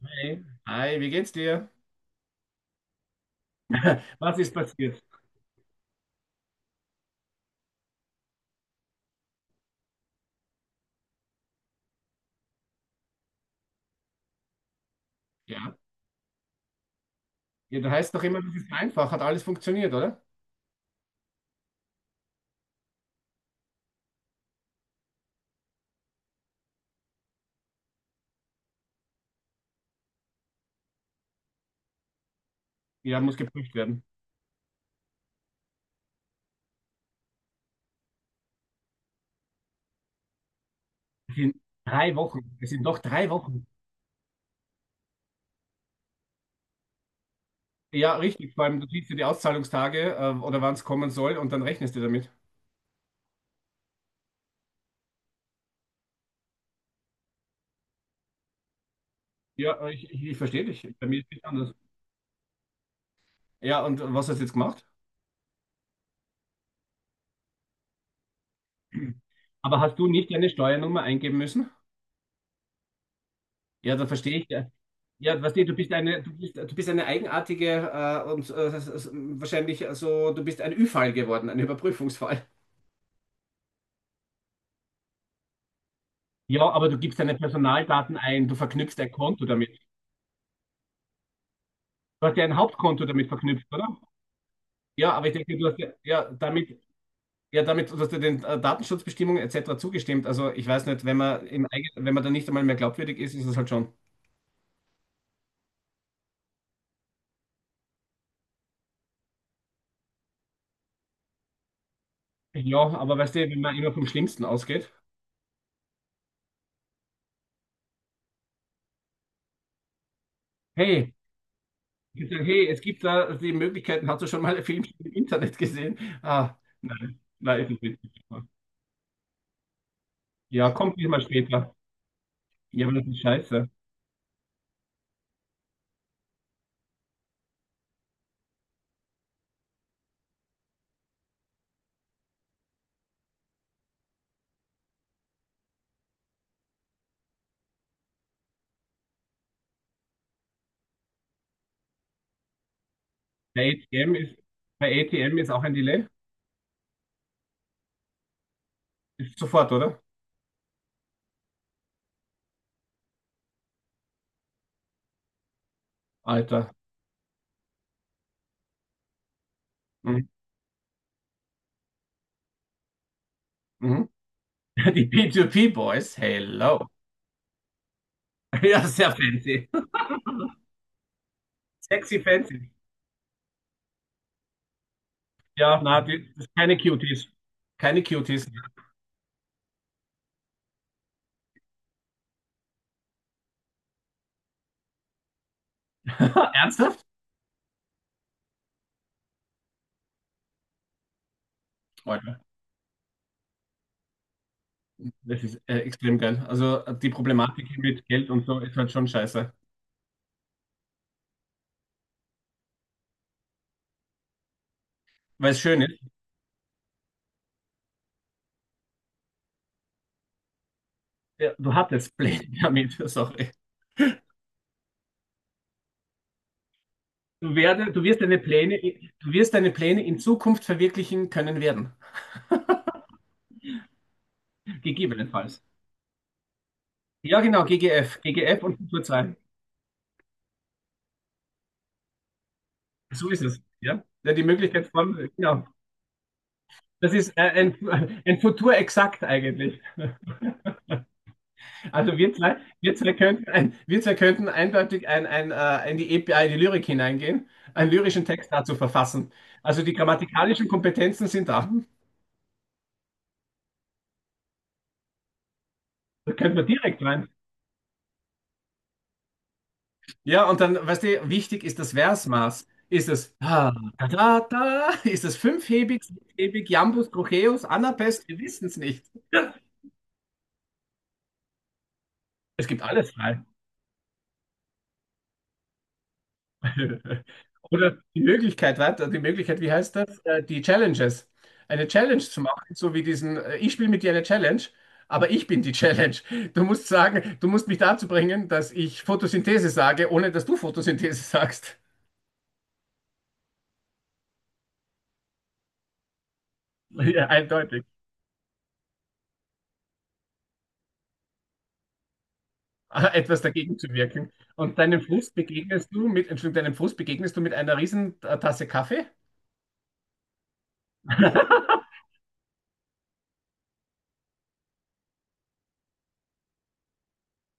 Hey. Hi, wie geht's dir? Was ist passiert? Ja. Ja, da heißt doch immer, das ist einfach. Hat alles funktioniert, oder? Ja, muss geprüft werden. Es sind drei Wochen. Es sind doch drei Wochen. Ja, richtig. Vor allem, du siehst ja die Auszahlungstage, oder wann es kommen soll, und dann rechnest du damit. Ja, ich verstehe dich. Bei mir ist es anders. Ja, und was hast du jetzt gemacht? Aber hast du nicht deine Steuernummer eingeben müssen? Ja, da verstehe ich. Ja, ja weißt du, du bist eine eigenartige und wahrscheinlich so, du bist ein Ü-Fall geworden, ein Überprüfungsfall. Ja, aber du gibst deine Personaldaten ein, du verknüpfst ein Konto damit. Du hast ja ein Hauptkonto damit verknüpft, oder? Ja, aber ich denke, du hast ja, ja, damit, du hast ja den Datenschutzbestimmungen etc. zugestimmt. Also ich weiß nicht, wenn man da nicht einmal mehr glaubwürdig ist, ist es halt schon. Ja, aber weißt du, wenn man immer vom Schlimmsten ausgeht, hey, ich sag, hey, es gibt da die Möglichkeiten, hast du schon mal einen Film im Internet gesehen? Ah, nein, nein, ist es nicht. Ja, kommt diesmal später. Ja, aber das ist scheiße. Bei ATM ist, bei ATM ist auch ein Delay. Sofort, oder? Alter. Mhm. Mhm. Die P2P-Boys, hello. Ja, sehr fancy. Sexy fancy. Ja, na, das sind keine Cuties. Keine Cuties. Ernsthaft? Alter, das ist extrem geil. Also die Problematik mit Geld und so ist halt schon scheiße. Weil es schön ist, ja, du hattest Pläne damit, sorry. Du, werde, du, wirst deine Pläne, du wirst deine Pläne in Zukunft verwirklichen können werden. Gegebenenfalls. Ja, genau, GGF. GGF und Futur 2. So ist es, ja. Ja, die Möglichkeit von, genau. Das ist ein Futur exakt eigentlich. Also wir zwei könnten eindeutig in die Lyrik hineingehen, einen lyrischen Text dazu verfassen. Also die grammatikalischen Kompetenzen sind da. Da könnten wir direkt rein. Ja, und dann, weißt du, wichtig ist das Versmaß. Ist es ah, da, da, da, ist es fünfhebig, sechshebig, Jambus, Trocheus, Anapest? Wir wissen es nicht. Es gibt alles frei. Oder die Möglichkeit, warte, die Möglichkeit, wie heißt das? Die Challenges. Eine Challenge zu machen, so wie diesen, ich spiele mit dir eine Challenge, aber ich bin die Challenge. Du musst mich dazu bringen, dass ich Photosynthese sage, ohne dass du Photosynthese sagst. Ja, eindeutig. Etwas dagegen zu wirken. Und deinem Frust begegnest du mit, Entschuldigung, deinem Frust begegnest du mit einer riesen Tasse Kaffee.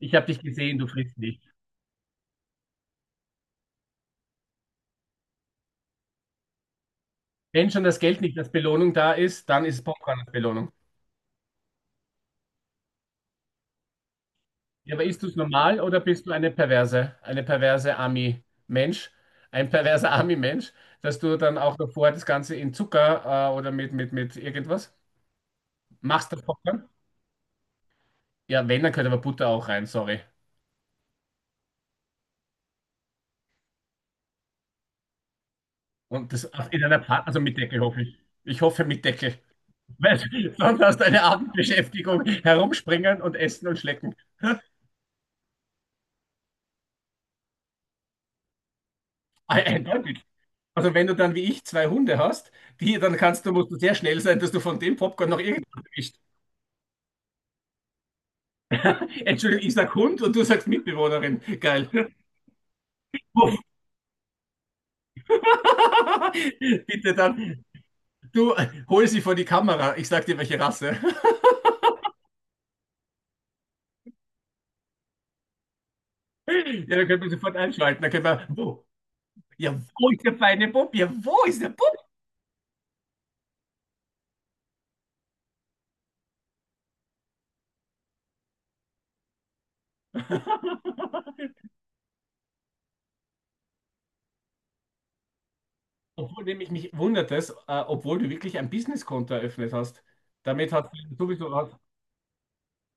Ich habe dich gesehen, du frisst nicht. Wenn schon das Geld nicht als Belohnung da ist, dann ist Popcorn als Belohnung. Ja, aber isst du es normal oder bist du eine perverse Ami-Mensch, ein perverser Ami-Mensch, dass du dann auch davor das Ganze in Zucker oder mit irgendwas machst davor dann? Ja, wenn, dann gehört aber Butter auch rein, sorry. Und das auch in einer also mit Deckel hoffe ich. Ich hoffe mit Deckel. Weil sonst hast du eine Abendbeschäftigung, herumspringen und essen und schlecken. Eindeutig. Also wenn du dann wie ich zwei Hunde hast, die, dann kannst du, musst du sehr schnell sein, dass du von dem Popcorn noch irgendwas erwischt. Entschuldigung, ich sag Hund und du sagst Mitbewohnerin. Geil. Bitte dann, du hol sie vor die Kamera. Ich sag dir, welche Rasse. Ja, dann können wir sofort einschalten. Dann können wir, wo? Ja, wo ist der feine Bub? Ja, wo ist der Bub? Obwohl nämlich mich wundert es, obwohl du wirklich ein Businesskonto eröffnet hast. Damit hast du sowieso,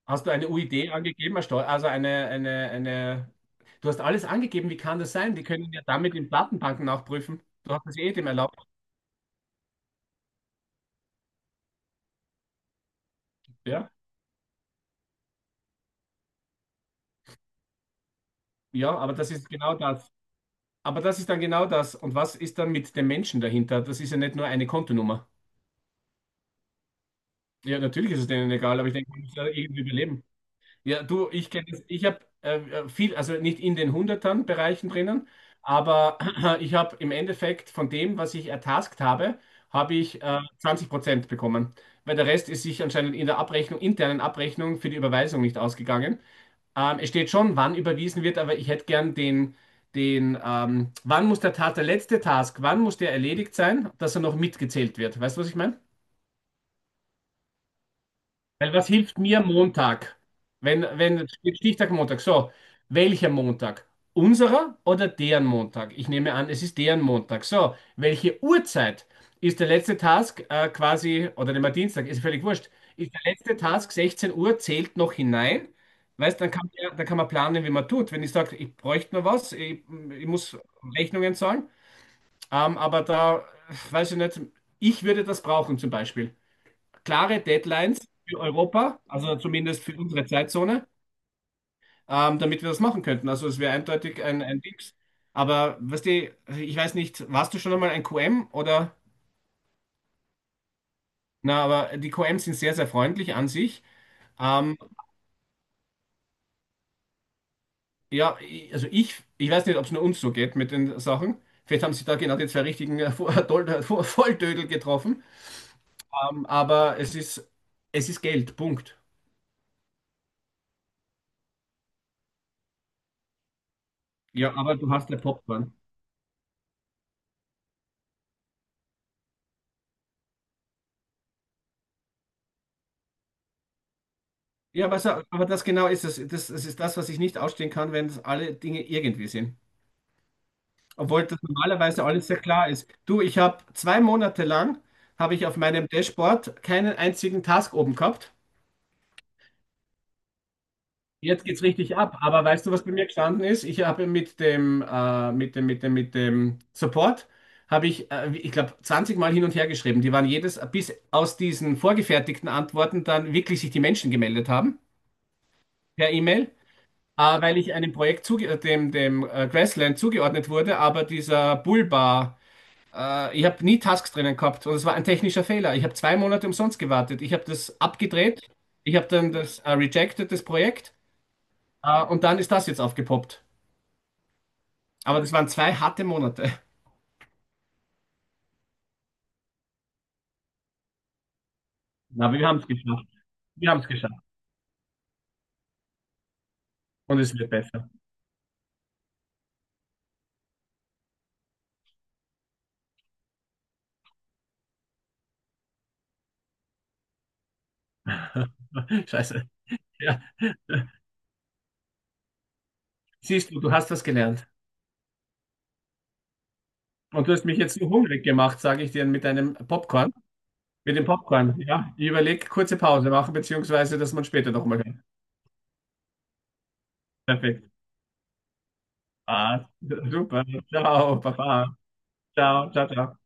hast du eine UID angegeben, Herr Stoll? Also eine. Du hast alles angegeben. Wie kann das sein? Die können ja damit in Datenbanken nachprüfen. Du hast es eh dem erlaubt. Ja, ja, aber das ist genau das. Aber das ist dann genau das. Und was ist dann mit dem Menschen dahinter? Das ist ja nicht nur eine Kontonummer. Ja, natürlich ist es denen egal, aber ich denke, man muss ja irgendwie überleben. Ja, du, ich kenne das. Ich habe viel, also nicht in den hundertern Bereichen drinnen, aber ich habe im Endeffekt von dem, was ich ertaskt habe, habe ich 20% bekommen, weil der Rest ist sich anscheinend in der Abrechnung, internen Abrechnung für die Überweisung nicht ausgegangen. Es steht schon, wann überwiesen wird, aber ich hätte gern den, den wann muss der Tat, der letzte Task, wann muss der erledigt sein, dass er noch mitgezählt wird. Weißt du, was ich meine? Weil was hilft mir Montag? Wenn steht Stichtag Montag. So, welcher Montag? Unserer oder deren Montag? Ich nehme an, es ist deren Montag. So, welche Uhrzeit ist der letzte Task quasi, oder nehmen wir Dienstag, ist völlig wurscht. Ist der letzte Task 16 Uhr, zählt noch hinein? Weißt, dann kann man planen, wie man tut. Wenn ich sage, ich bräuchte noch was, ich muss Rechnungen zahlen, aber da, weiß ich nicht, ich würde das brauchen zum Beispiel klare Deadlines für Europa, also zumindest für unsere Zeitzone, damit wir das machen könnten. Also es wäre eindeutig ein Dings. Aber weißt du, ich weiß nicht, warst du schon einmal ein QM oder? Na, aber die QM sind sehr, sehr freundlich an sich. Ähm, ja, also ich weiß nicht, ob es nur uns so geht mit den Sachen. Vielleicht haben sie da genau die zwei richtigen Volltödel getroffen. Aber es ist, Geld, Punkt. Ja, aber du hast ja Popcorn. Ja, aber, so, aber das genau ist es. Das ist das, was ich nicht ausstehen kann, wenn es alle Dinge irgendwie sind. Obwohl das normalerweise alles sehr klar ist. Du, ich habe zwei Monate lang, habe ich auf meinem Dashboard keinen einzigen Task oben gehabt. Jetzt geht's richtig ab. Aber weißt du, was bei mir gestanden ist? Ich habe mit dem Support, habe ich, ich glaube, 20 Mal hin und her geschrieben. Die waren jedes, bis aus diesen vorgefertigten Antworten dann wirklich sich die Menschen gemeldet haben per E-Mail. Weil ich einem Projekt zuge dem, dem Grassland zugeordnet wurde, aber dieser Bullbar, ich habe nie Tasks drinnen gehabt und es war ein technischer Fehler. Ich habe zwei Monate umsonst gewartet. Ich habe das abgedreht, ich habe dann das rejected, das Projekt, und dann ist das jetzt aufgepoppt. Aber das waren zwei harte Monate. Na, wir haben es geschafft. Wir haben es geschafft. Und es wird besser. Scheiße. Ja. Siehst du, du hast was gelernt. Und du hast mich jetzt so hungrig gemacht, sage ich dir, mit deinem Popcorn. Mit dem Popcorn, ja. Ich überlege, kurze Pause machen, beziehungsweise, dass man später nochmal hört. Perfekt. Ah, super. Ciao, Papa. Ciao, ciao, ciao.